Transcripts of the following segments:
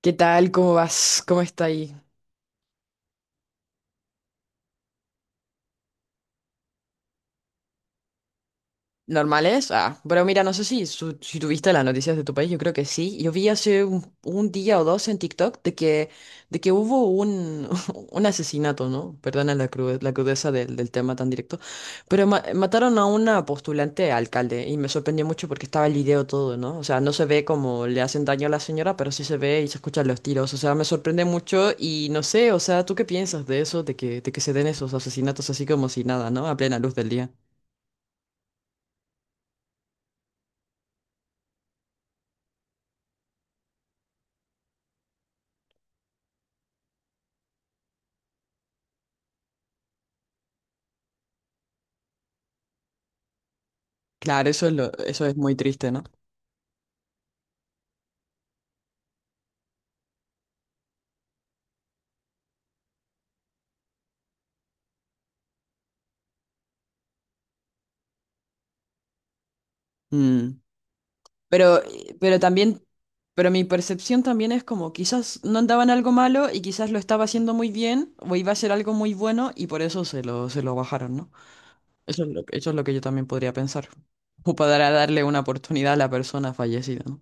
¿Qué tal? ¿Cómo vas? ¿Cómo está ahí? Normales. Ah, pero mira, no sé si, si tuviste las noticias de tu país, yo creo que sí. Yo vi hace un día o dos en TikTok de que hubo un asesinato, ¿no? Perdona la crudeza del tema tan directo, pero mataron a una postulante a alcalde y me sorprendió mucho porque estaba el video todo, ¿no? O sea, no se ve cómo le hacen daño a la señora, pero sí se ve y se escuchan los tiros. O sea, me sorprende mucho y no sé, o sea, ¿tú qué piensas de eso, de que se den esos asesinatos así como si nada, ¿no? A plena luz del día. Claro, eso es muy triste, ¿no? Mm. Pero, pero también, pero mi percepción también es como quizás no andaba en algo malo y quizás lo estaba haciendo muy bien o iba a ser algo muy bueno y por eso se lo bajaron, ¿no? Eso es lo que yo también podría pensar. O para darle una oportunidad a la persona fallecida, ¿no?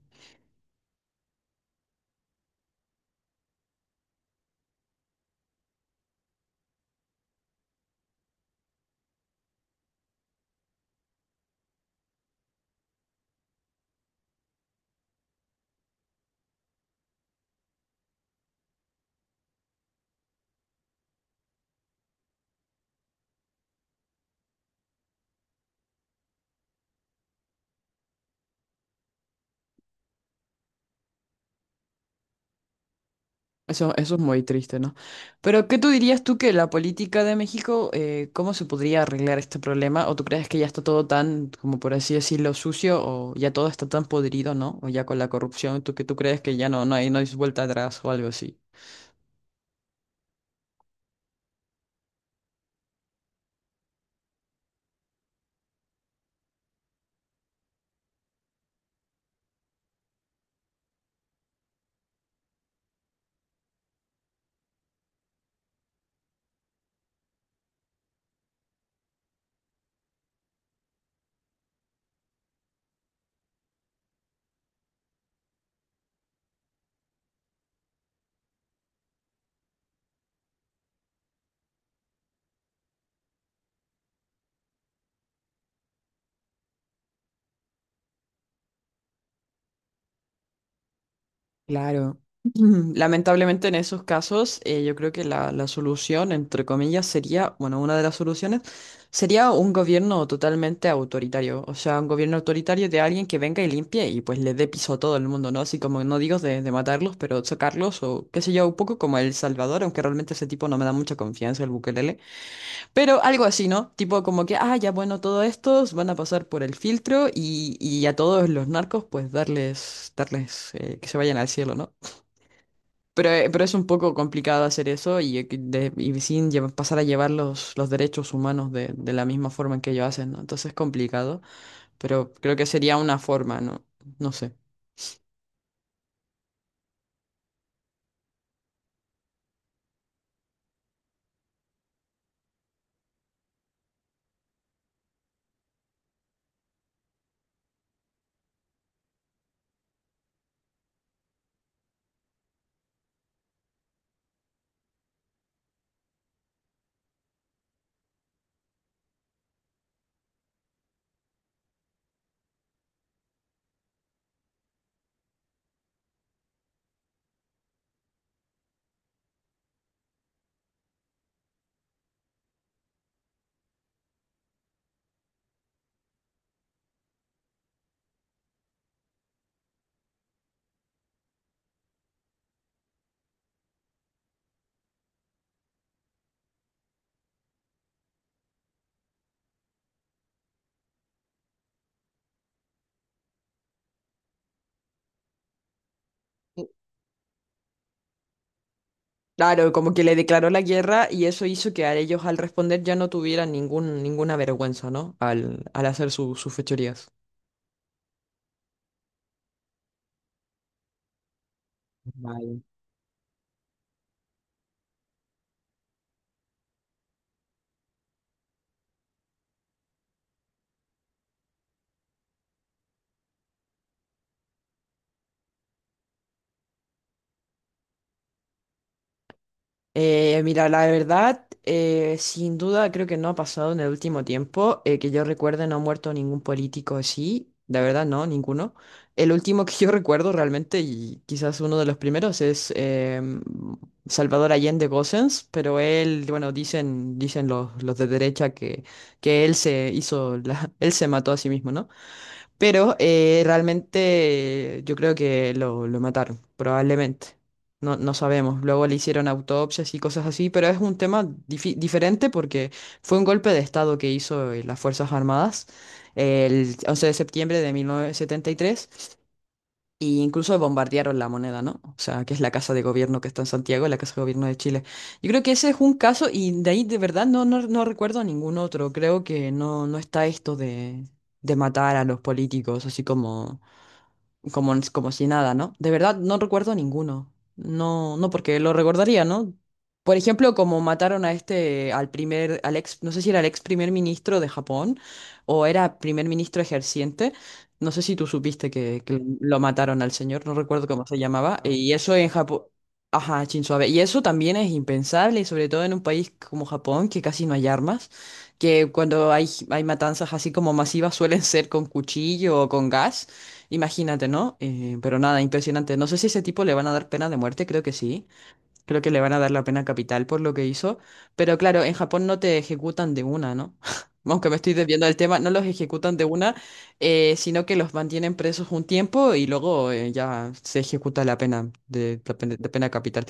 Eso es muy triste, ¿no? Pero, ¿qué tú dirías tú que la política de México, cómo se podría arreglar este problema? ¿O tú crees que ya está todo tan, como por así decirlo, sucio, o ya todo está tan podrido, ¿no? O ya con la corrupción, ¿tú que tú crees que ya no hay vuelta atrás o algo así? Claro. Lamentablemente en esos casos, yo creo que la solución, entre comillas, sería, bueno, una de las soluciones sería un gobierno totalmente autoritario, o sea, un gobierno autoritario de alguien que venga y limpie y pues le dé piso a todo el mundo, ¿no? Así como no digo de matarlos, pero sacarlos o qué sé yo, un poco como El Salvador, aunque realmente ese tipo no me da mucha confianza, el Bukelele, pero algo así, ¿no? Tipo como que, ah, ya bueno, todos estos van a pasar por el filtro y a todos los narcos pues darles que se vayan al cielo, ¿no? Pero es un poco complicado hacer eso y, y sin lleva- pasar a llevar los derechos humanos de la misma forma en que ellos hacen, ¿no? Entonces es complicado, pero creo que sería una forma, ¿no? No sé. Claro, como que le declaró la guerra y eso hizo que a ellos al responder ya no tuvieran ningún, ninguna vergüenza, ¿no? Al, al hacer sus fechorías. Mira, la verdad, sin duda creo que no ha pasado en el último tiempo. Eh, que yo recuerde, no ha muerto ningún político así. La verdad, no, ninguno. El último que yo recuerdo realmente, y quizás uno de los primeros, es Salvador Allende Gossens, pero él, bueno, dicen los de derecha que él se hizo, él se mató a sí mismo, ¿no? Pero realmente yo creo que lo mataron, probablemente. No, no sabemos. Luego le hicieron autopsias y cosas así, pero es un tema diferente porque fue un golpe de estado que hizo las Fuerzas Armadas el 11 de septiembre de 1973 y incluso bombardearon la moneda, ¿no? O sea, que es la casa de gobierno que está en Santiago, la casa de gobierno de Chile. Yo creo que ese es un caso y de ahí de verdad no recuerdo ningún otro. Creo que no, no está esto de matar a los políticos, así como si nada, ¿no? De verdad, no recuerdo ninguno. No, no, porque lo recordaría, ¿no? Por ejemplo, como mataron a este, al primer, al ex, no sé si era el ex primer ministro de Japón o era primer ministro ejerciente. No sé si tú supiste que lo mataron al señor, no recuerdo cómo se llamaba. Y eso en Japón. Ajá, Shinzo Abe. Y eso también es impensable, y sobre todo en un país como Japón, que casi no hay armas, que cuando hay matanzas así como masivas suelen ser con cuchillo o con gas. Imagínate, ¿no? Pero nada, impresionante. No sé si a ese tipo le van a dar pena de muerte, creo que sí. Creo que le van a dar la pena capital por lo que hizo. Pero claro, en Japón no te ejecutan de una, ¿no? Aunque me estoy desviando del tema, no los ejecutan de una, sino que los mantienen presos un tiempo y luego ya se ejecuta la pena de pena capital.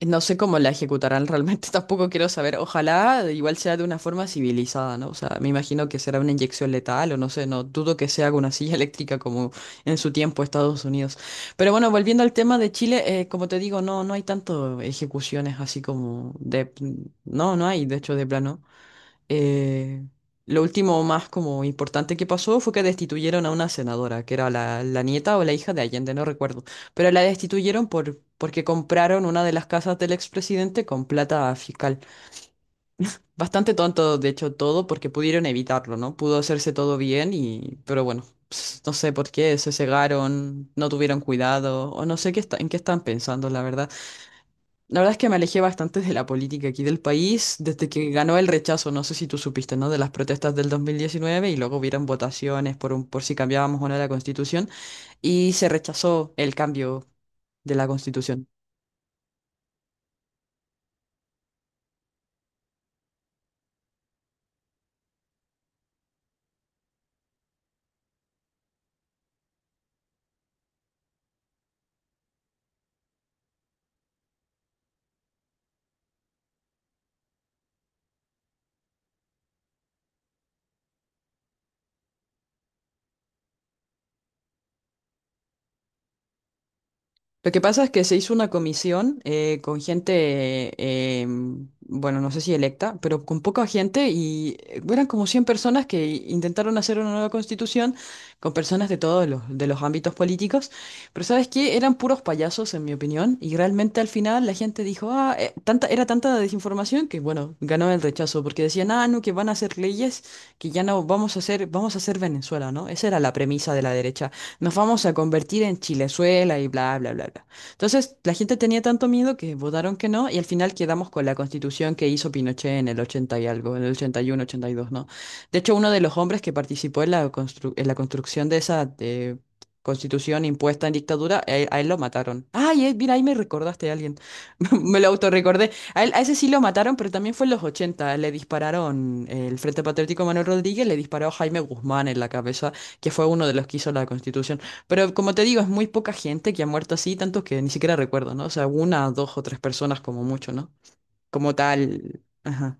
No sé cómo la ejecutarán realmente, tampoco quiero saber. Ojalá igual sea de una forma civilizada, ¿no? O sea, me imagino que será una inyección letal o no sé, no dudo que sea con una silla eléctrica como en su tiempo Estados Unidos. Pero bueno, volviendo al tema de Chile, como te digo, no, no hay tanto ejecuciones así como de... No, no hay, de hecho, de plano. Eh, lo último más como importante que pasó fue que destituyeron a una senadora, que era la nieta o la hija de Allende, no recuerdo, pero la destituyeron por, porque compraron una de las casas del expresidente con plata fiscal. Bastante tonto, de hecho, todo porque pudieron evitarlo, ¿no? Pudo hacerse todo bien y, pero bueno, ps, no sé por qué se cegaron, no tuvieron cuidado o no sé qué en qué están pensando, la verdad. La verdad es que me alejé bastante de la política aquí del país desde que ganó el rechazo, no sé si tú supiste, ¿no? De las protestas del 2019 y luego hubieron votaciones por, por si cambiábamos o no la constitución y se rechazó el cambio de la constitución. Lo que pasa es que se hizo una comisión con gente, mm, bueno, no sé si electa, pero con poca gente y eran como 100 personas que intentaron hacer una nueva constitución con personas de todos de los ámbitos políticos, pero ¿sabes qué? Eran puros payasos, en mi opinión, y realmente al final la gente dijo, ah, tanta, era tanta la desinformación que, bueno, ganó el rechazo, porque decían, ah, no, que van a hacer leyes que ya no vamos a hacer, vamos a hacer Venezuela, ¿no? Esa era la premisa de la derecha, nos vamos a convertir en Chilezuela y bla, bla, bla, bla. Entonces, la gente tenía tanto miedo que votaron que no y al final quedamos con la constitución que hizo Pinochet en el 80 y algo, en el ochenta, 81, 82, ¿no? De hecho, uno de los hombres que participó en la en la construcción de esa constitución impuesta en dictadura, a él lo mataron. Ay, mira, ahí me recordaste a alguien. Me lo autorrecordé. A él, a ese sí lo mataron, pero también fue en los ochenta. Le dispararon el Frente Patriótico Manuel Rodríguez, le disparó a Jaime Guzmán en la cabeza, que fue uno de los que hizo la Constitución. Pero como te digo, es muy poca gente que ha muerto así, tantos que ni siquiera recuerdo, ¿no? O sea, una, dos o tres personas como mucho, ¿no? Como tal. Ajá.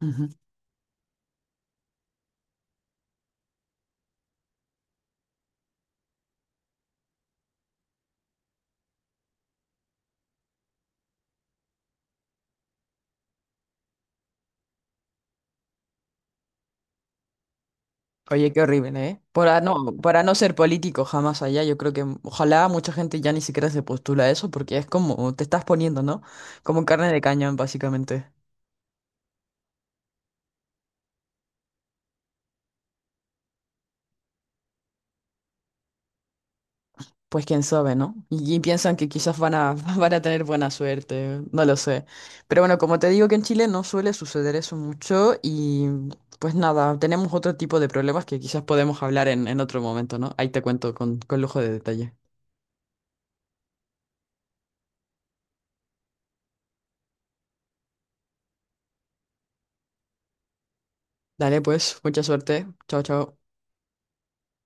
Ujú. Oye, qué horrible, ¿eh? Para no ser político jamás allá, yo creo que ojalá mucha gente ya ni siquiera se postula a eso porque es como te estás poniendo, ¿no? Como carne de cañón, básicamente. Pues quién sabe, ¿no? Y piensan que quizás van a, van a tener buena suerte, no lo sé. Pero bueno, como te digo que en Chile no suele suceder eso mucho y pues nada, tenemos otro tipo de problemas que quizás podemos hablar en otro momento, ¿no? Ahí te cuento con lujo de detalle. Dale, pues, mucha suerte. Chao, chao.